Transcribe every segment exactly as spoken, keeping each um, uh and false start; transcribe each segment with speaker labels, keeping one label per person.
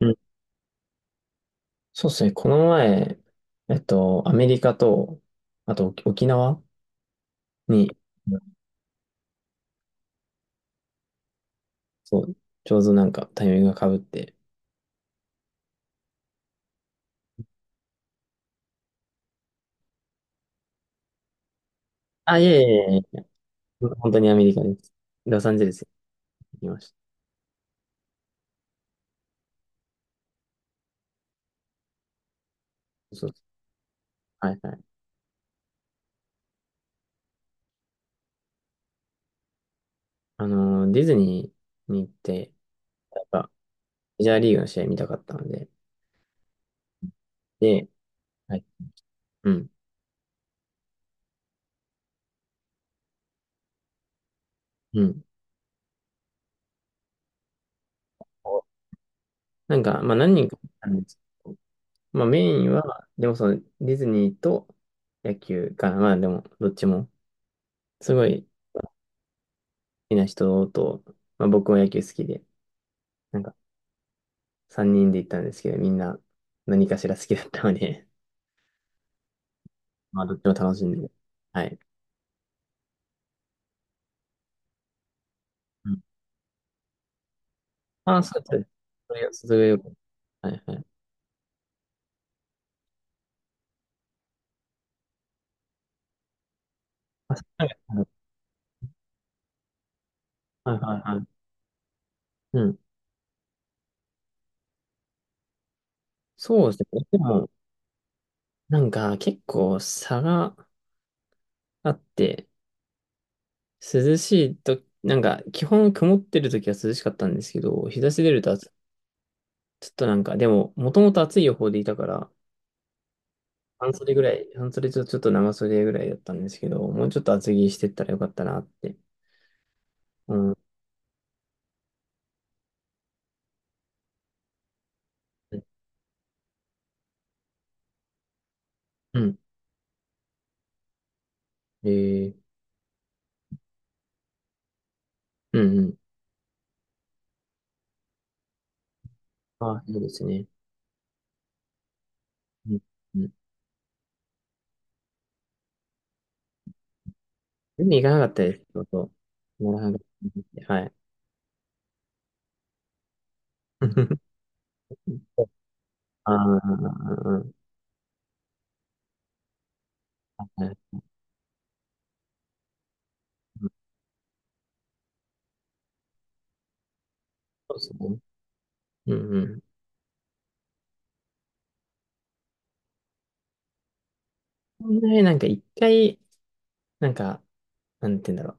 Speaker 1: うん、そうですね。この前、えっと、アメリカと、あと沖沖縄に、うん、そう、ちょうどなんかタイミングが被って。あ、いえいえいえ、本当にアメリカです。ロサンゼルスに行きました。そうそう。はいはい。あのー、ディズニーに行って、やっぱメジャーリーグの試合見たかったので、で、はい。うん、うん。なんか、まあ何人か行ったんですけど、まあメインは、でもそのディズニーと野球かな、まあでもどっちも、すごい、きな人と、まあ、僕は野球好きで、なんかさんにんで行ったんですけど、みんな何かしら好きだったので、まあどっちも楽しんで。はい。うん。あ、そうです。それが、それがよく。はいはい。はいはいはいはい。うん。そうですね。でも、なんか結構差があって、涼しいと、なんか基本曇ってる時は涼しかったんですけど、日差し出ると暑いちょっとなんか、でも、もともと暑い予報でいたから、半袖ぐらい、半袖とちょっと長袖ぐらいだったんですけど、もうちょっと厚着してったらよかったなって。うん。うん。えー、うんうん。あ、いいですね。うん。うん。海行かなかったです。そうそう。ならなかったはい。ああ、はい。そうですね。うんうん。こんなになんか一回、なんか、なんて言うんだろう。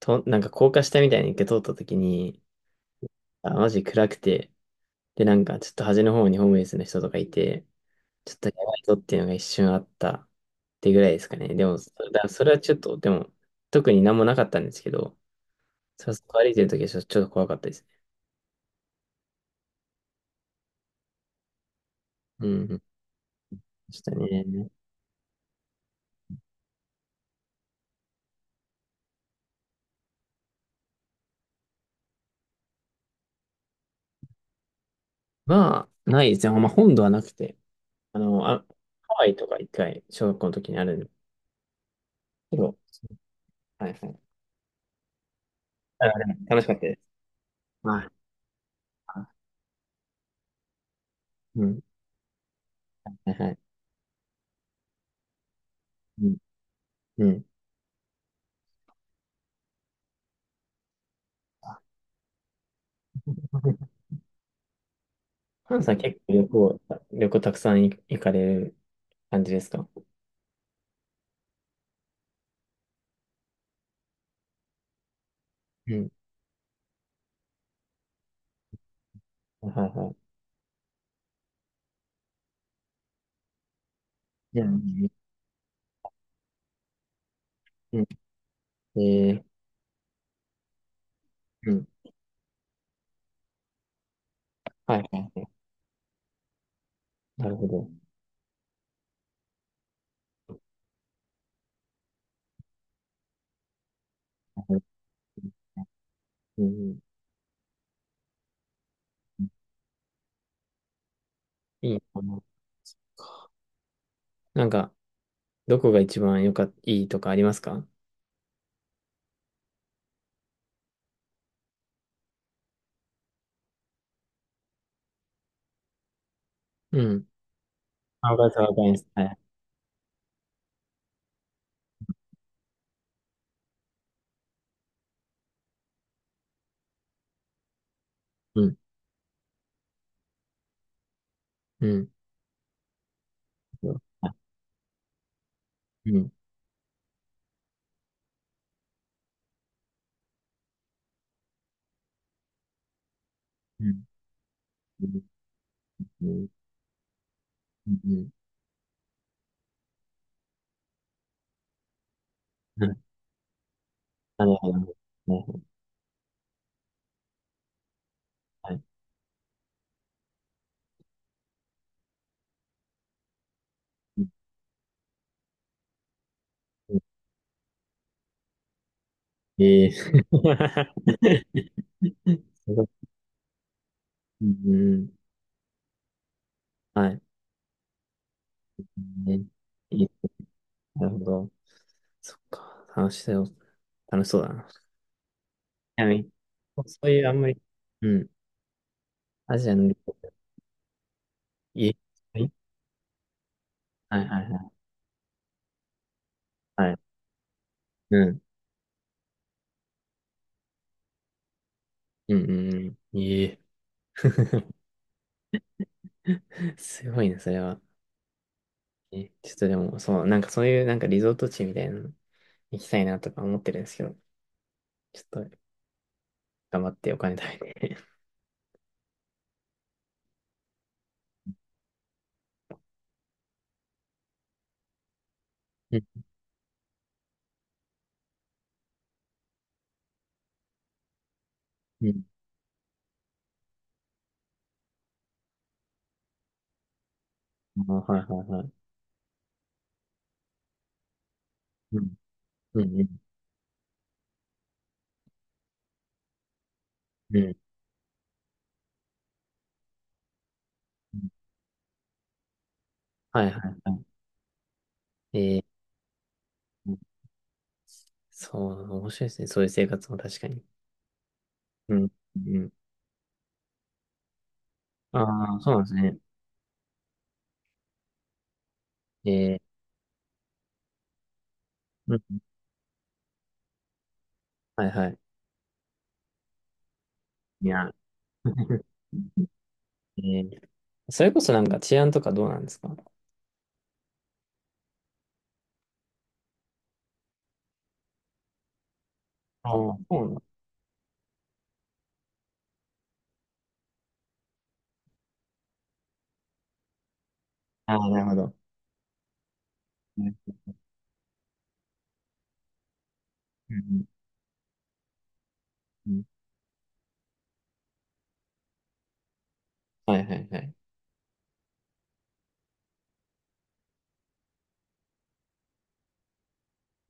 Speaker 1: と、なんか高架下みたいに一回通った時に、あ、マジ暗くて、で、なんかちょっと端の方にホームレスの人とかいて、ちょっとやばいぞっていうのが一瞬あったってぐらいですかね。でも、そだそれはちょっと、でも、特に何もなかったんですけど、さそこ歩いてるときはちょっとちょっと怖かったですね。うん、うん。でしたね。まあ、ないですね。まあ、本土はなくて、あの、あ、ハワイとか一回、小学校の時にあるんですけど、はいはい。あ、でも楽しかったです。はい。うん。はいはい。うん。うん。ハンさん結構旅行、旅行たくさん行行かれる感じですか？うん。はいはい。うん。うん。えーうん。はいはい。なるほど。うん。いいかな。なんか、どこが一番良かっいいとかありますか？うん。あ、わかります、わかります。はい。うん。うん。あうん。うん。うん。うん。うん。うん。なるほど。なるほど。はい。うん。うんええ すごいうんうん。はい。ね。いい。なるほど。そっか。楽しそう。楽しそうだな。ちなみに、そういうあんまり、うん。アジアの旅行いえ、はいはいはいはい。はいうん。うんうんうん。いえ。すごいね、それは。え、ちょっとでも、そう、なんかそういうなんかリゾート地みたいなの行きたいなとか思ってるんですけど、ちょっと頑張ってお金貯めて。うん。うん。あ、はいはいはい。うん。うんうん。うん。うんはいはいはい。えー、そう、面白いですね。そういう生活も確かに。うん。うん。ああ、そうなんですね。えー、うん。はいはい。いや。えーそれこそなんか治安とかどうなんですか？ああそうなんだああ、なるほど。うんうんうんはいはいはい。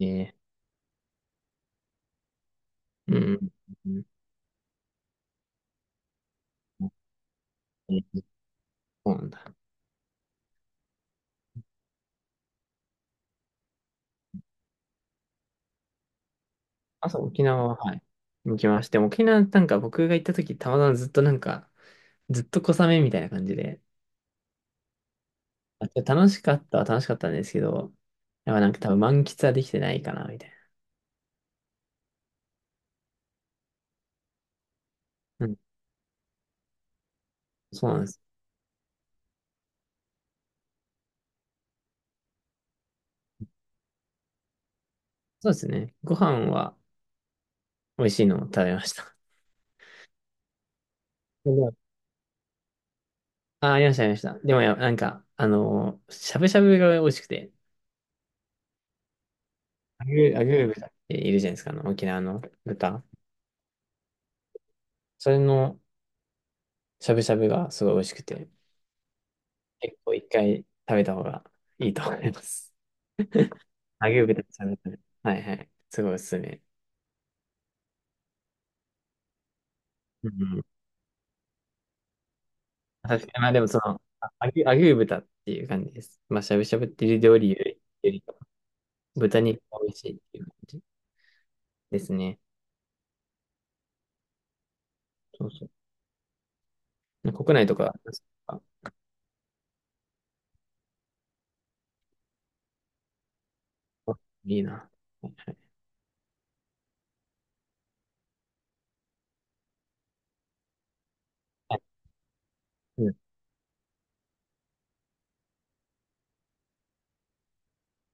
Speaker 1: ええうんうんうんうんそうなんだ。あ、そう、沖縄は、はい。行きまして、沖縄なんか僕が行った時、たまたまずっとなんか、ずっと小雨みたいな感じで、あ、楽しかったは楽しかったんですけど、やっぱなんか多分満喫はできてないかな、みたいな。うん、そうなんです。そうですね。ご飯は美味しいのを食べました。あ、ありました、ありました。でもや、なんか、あのーしゃぶしゃぶが美味しくて、アグー、アグー豚っているじゃないですか、あの、沖縄の豚。それのしゃぶしゃぶがすごい美味しくて、結構一回食べた方がいいと思います。アグー豚のしゃぶしゃぶ。はいはい。すごいおすすめ。うんうん。確かに、まあでもその、あアグー、アグー豚っていう感じです。まあ、しゃぶしゃぶっていう料理より、よりかは豚肉が美味しいっていう感じですね。そうそう。国内とか、いいな。はいはい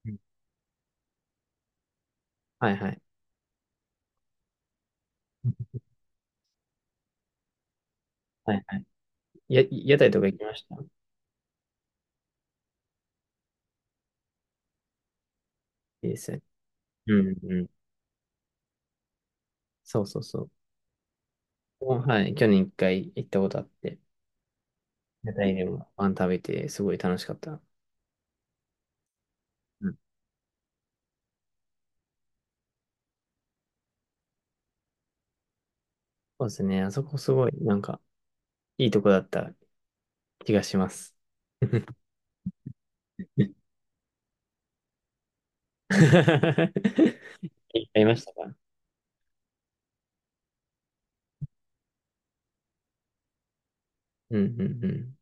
Speaker 1: うんはいはい。はいはい。や、屋台とか行きました。いいですね。うんうん。そうそうそう。ははい。去年一回行ったことあって、屋台でもパン食べて、すごい楽しかった。うん。そうですね。あそこすごい、なんか、いいとこだった気がします。いっぱいいましたか？うんうんうん。